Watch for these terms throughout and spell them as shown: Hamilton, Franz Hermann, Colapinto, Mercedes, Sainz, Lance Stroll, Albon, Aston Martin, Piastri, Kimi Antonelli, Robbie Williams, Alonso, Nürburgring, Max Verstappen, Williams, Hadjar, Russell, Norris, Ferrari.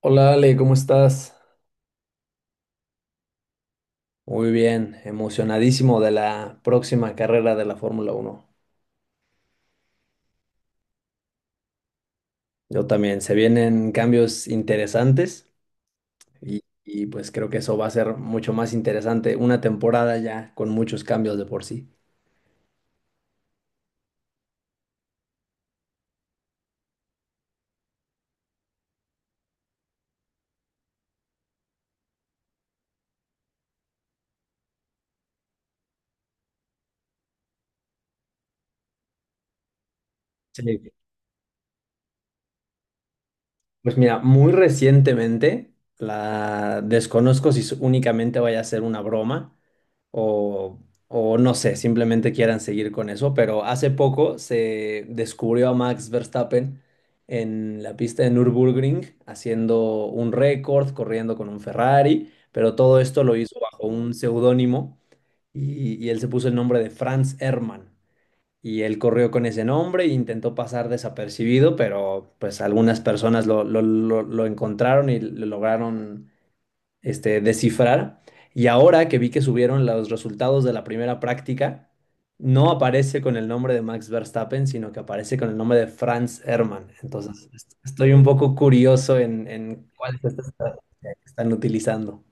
Hola Ale, ¿cómo estás? Muy bien, emocionadísimo de la próxima carrera de la Fórmula Uno. Yo también, se vienen cambios interesantes y pues creo que eso va a ser mucho más interesante, una temporada ya con muchos cambios de por sí. Sí. Pues mira, muy recientemente, la desconozco si únicamente vaya a ser una broma, o, no sé, simplemente quieran seguir con eso, pero hace poco se descubrió a Max Verstappen en la pista de Nürburgring haciendo un récord, corriendo con un Ferrari, pero todo esto lo hizo bajo un seudónimo y él se puso el nombre de Franz Hermann. Y él corrió con ese nombre e intentó pasar desapercibido, pero pues algunas personas lo encontraron y lo lograron descifrar. Y ahora que vi que subieron los resultados de la primera práctica, no aparece con el nombre de Max Verstappen, sino que aparece con el nombre de Franz Hermann. Entonces, estoy un poco curioso en cuál es esta estrategia que están utilizando.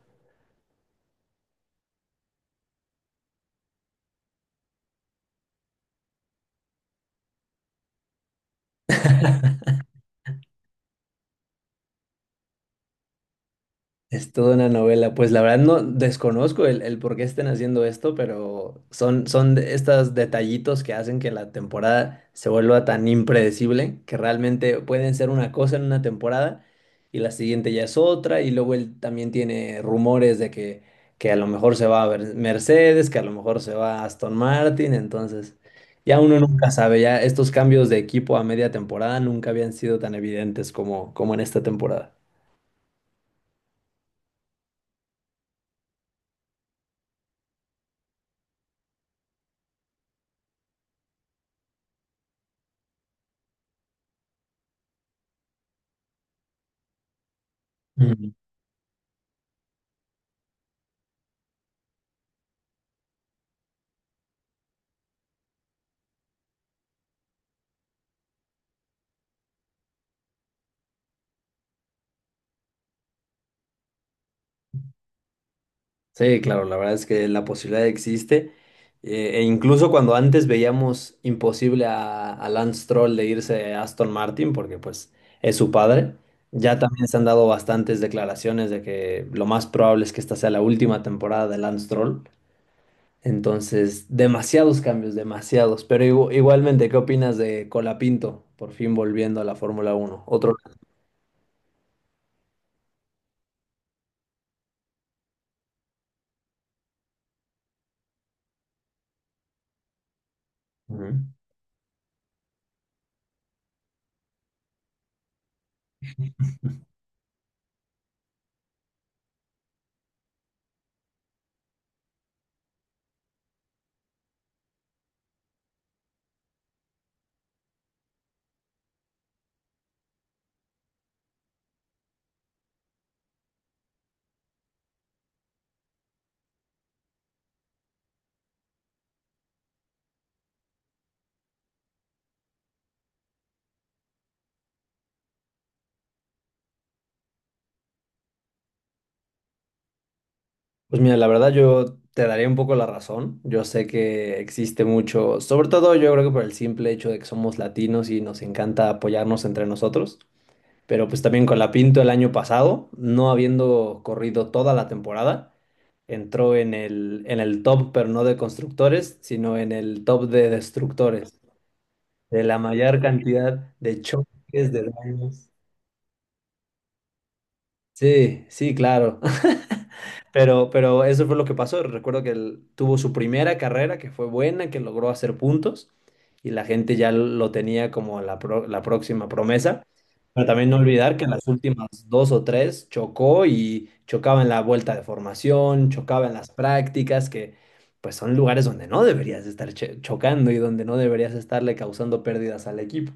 Es toda una novela. Pues la verdad no desconozco el por qué estén haciendo esto, pero son de estos detallitos que hacen que la temporada se vuelva tan impredecible, que realmente pueden ser una cosa en una temporada y la siguiente ya es otra, y luego él también tiene rumores de que a lo mejor se va a ver Mercedes, que a lo mejor se va a Aston Martin, entonces ya uno nunca sabe, ya estos cambios de equipo a media temporada nunca habían sido tan evidentes como, como en esta temporada. Sí, claro, la verdad es que la posibilidad existe. E incluso cuando antes veíamos imposible a, Lance Stroll de irse a Aston Martin, porque pues es su padre, ya también se han dado bastantes declaraciones de que lo más probable es que esta sea la última temporada de Lance Stroll. Entonces, demasiados cambios, demasiados. Pero igualmente, ¿qué opinas de Colapinto por fin volviendo a la Fórmula Uno? Otro. Ujú. Pues mira, la verdad yo te daría un poco la razón. Yo sé que existe mucho, sobre todo yo creo que por el simple hecho de que somos latinos y nos encanta apoyarnos entre nosotros. Pero pues también con la Pinto el año pasado, no habiendo corrido toda la temporada, entró en el top, pero no de constructores, sino en el top de destructores, de la mayor cantidad de choques, de daños. Sí, sí, claro. Pero eso fue lo que pasó. Recuerdo que él tuvo su primera carrera, que fue buena, que logró hacer puntos, y la gente ya lo tenía como la próxima promesa. Pero también no olvidar que en las últimas dos o tres chocó y chocaba en la vuelta de formación, chocaba en las prácticas, que pues son lugares donde no deberías estar chocando y donde no deberías estarle causando pérdidas al equipo.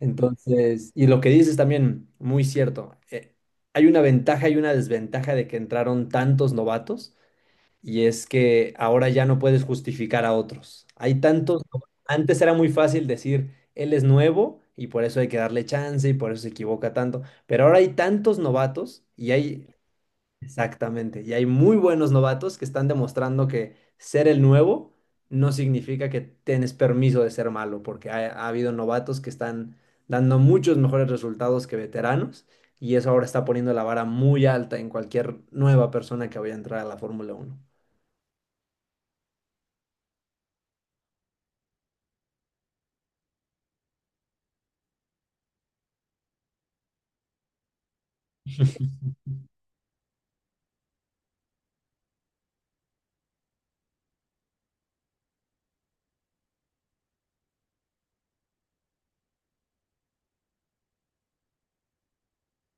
Entonces, y lo que dices también, muy cierto. Hay una ventaja y una desventaja de que entraron tantos novatos, y es que ahora ya no puedes justificar a otros. Hay tantos. Antes era muy fácil decir, él es nuevo y por eso hay que darle chance y por eso se equivoca tanto. Pero ahora hay tantos novatos y hay. Exactamente. Y hay muy buenos novatos que están demostrando que ser el nuevo no significa que tienes permiso de ser malo, porque ha habido novatos que están dando muchos mejores resultados que veteranos y eso ahora está poniendo la vara muy alta en cualquier nueva persona que vaya a entrar a la Fórmula Uno.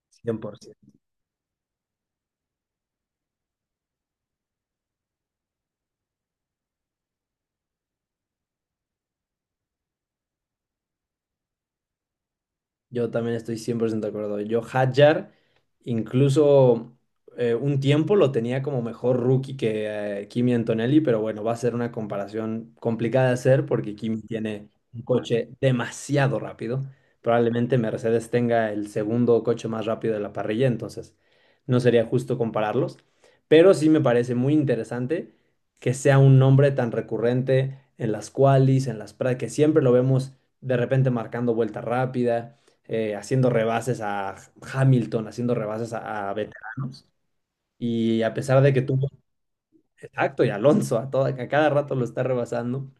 Cien por 100%. Yo también estoy 100% de acuerdo. Yo Hadjar, incluso un tiempo lo tenía como mejor rookie que Kimi Antonelli, pero bueno, va a ser una comparación complicada de hacer porque Kimi tiene un coche demasiado rápido. Probablemente Mercedes tenga el segundo coche más rápido de la parrilla, entonces no sería justo compararlos. Pero sí me parece muy interesante que sea un nombre tan recurrente en las qualis, en las prácticas, que siempre lo vemos de repente marcando vuelta rápida haciendo rebases a Hamilton, haciendo rebases a, veteranos. Y a pesar de que tuvo, exacto, y Alonso a cada rato lo está rebasando.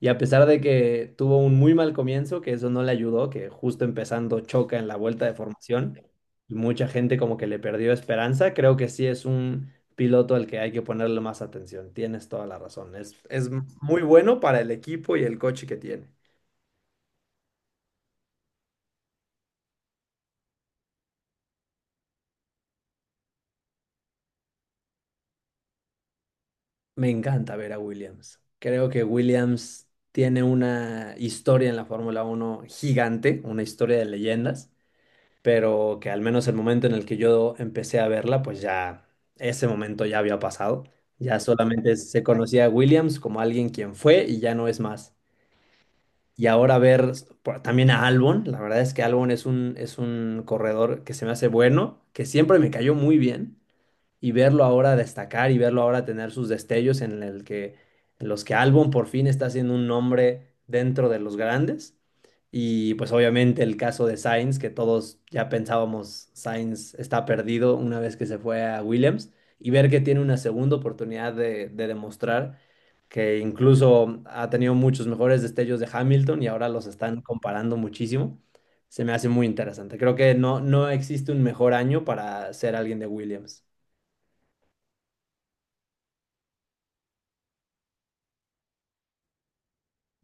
Y a pesar de que tuvo un muy mal comienzo, que eso no le ayudó, que justo empezando choca en la vuelta de formación, y mucha gente como que le perdió esperanza, creo que sí es un piloto al que hay que ponerle más atención. Tienes toda la razón. Es muy bueno para el equipo y el coche que tiene. Me encanta ver a Williams. Creo que Williams tiene una historia en la Fórmula Uno gigante, una historia de leyendas, pero que al menos el momento en el que yo empecé a verla, pues ya ese momento ya había pasado. Ya solamente se conocía a Williams como alguien quien fue y ya no es más. Y ahora ver también a Albon, la verdad es que Albon es un corredor que se me hace bueno, que siempre me cayó muy bien y verlo ahora destacar y verlo ahora tener sus destellos en los que Albon por fin está haciendo un nombre dentro de los grandes. Y pues obviamente el caso de Sainz, que todos ya pensábamos Sainz está perdido una vez que se fue a Williams, y ver que tiene una segunda oportunidad de demostrar que incluso ha tenido muchos mejores destellos de Hamilton y ahora los están comparando muchísimo, se me hace muy interesante. Creo que no existe un mejor año para ser alguien de Williams.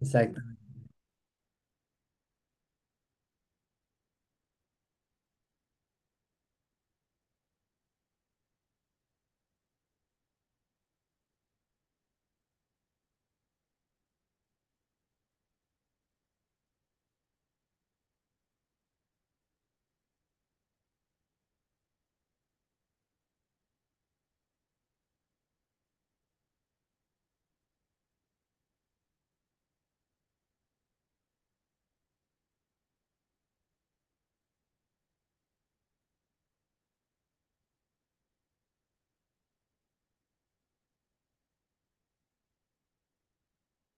Exacto.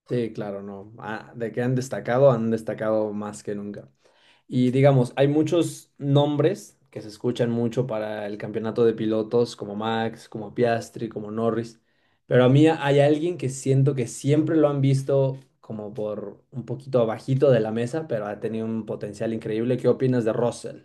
Sí, claro, no. Ah, de que han destacado más que nunca. Y digamos, hay muchos nombres que se escuchan mucho para el campeonato de pilotos, como Max, como Piastri, como Norris. Pero a mí hay alguien que siento que siempre lo han visto como por un poquito abajito de la mesa, pero ha tenido un potencial increíble. ¿Qué opinas de Russell?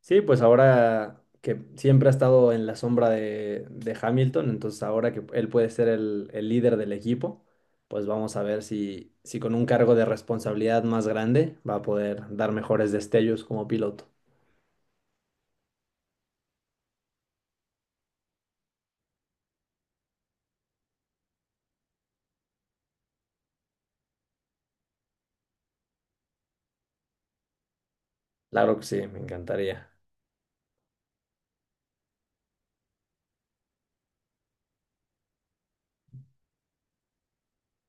Sí, pues ahora que siempre ha estado en la sombra de Hamilton, entonces ahora que él puede ser el líder del equipo, pues vamos a ver si con un cargo de responsabilidad más grande va a poder dar mejores destellos como piloto. Claro que sí, me encantaría.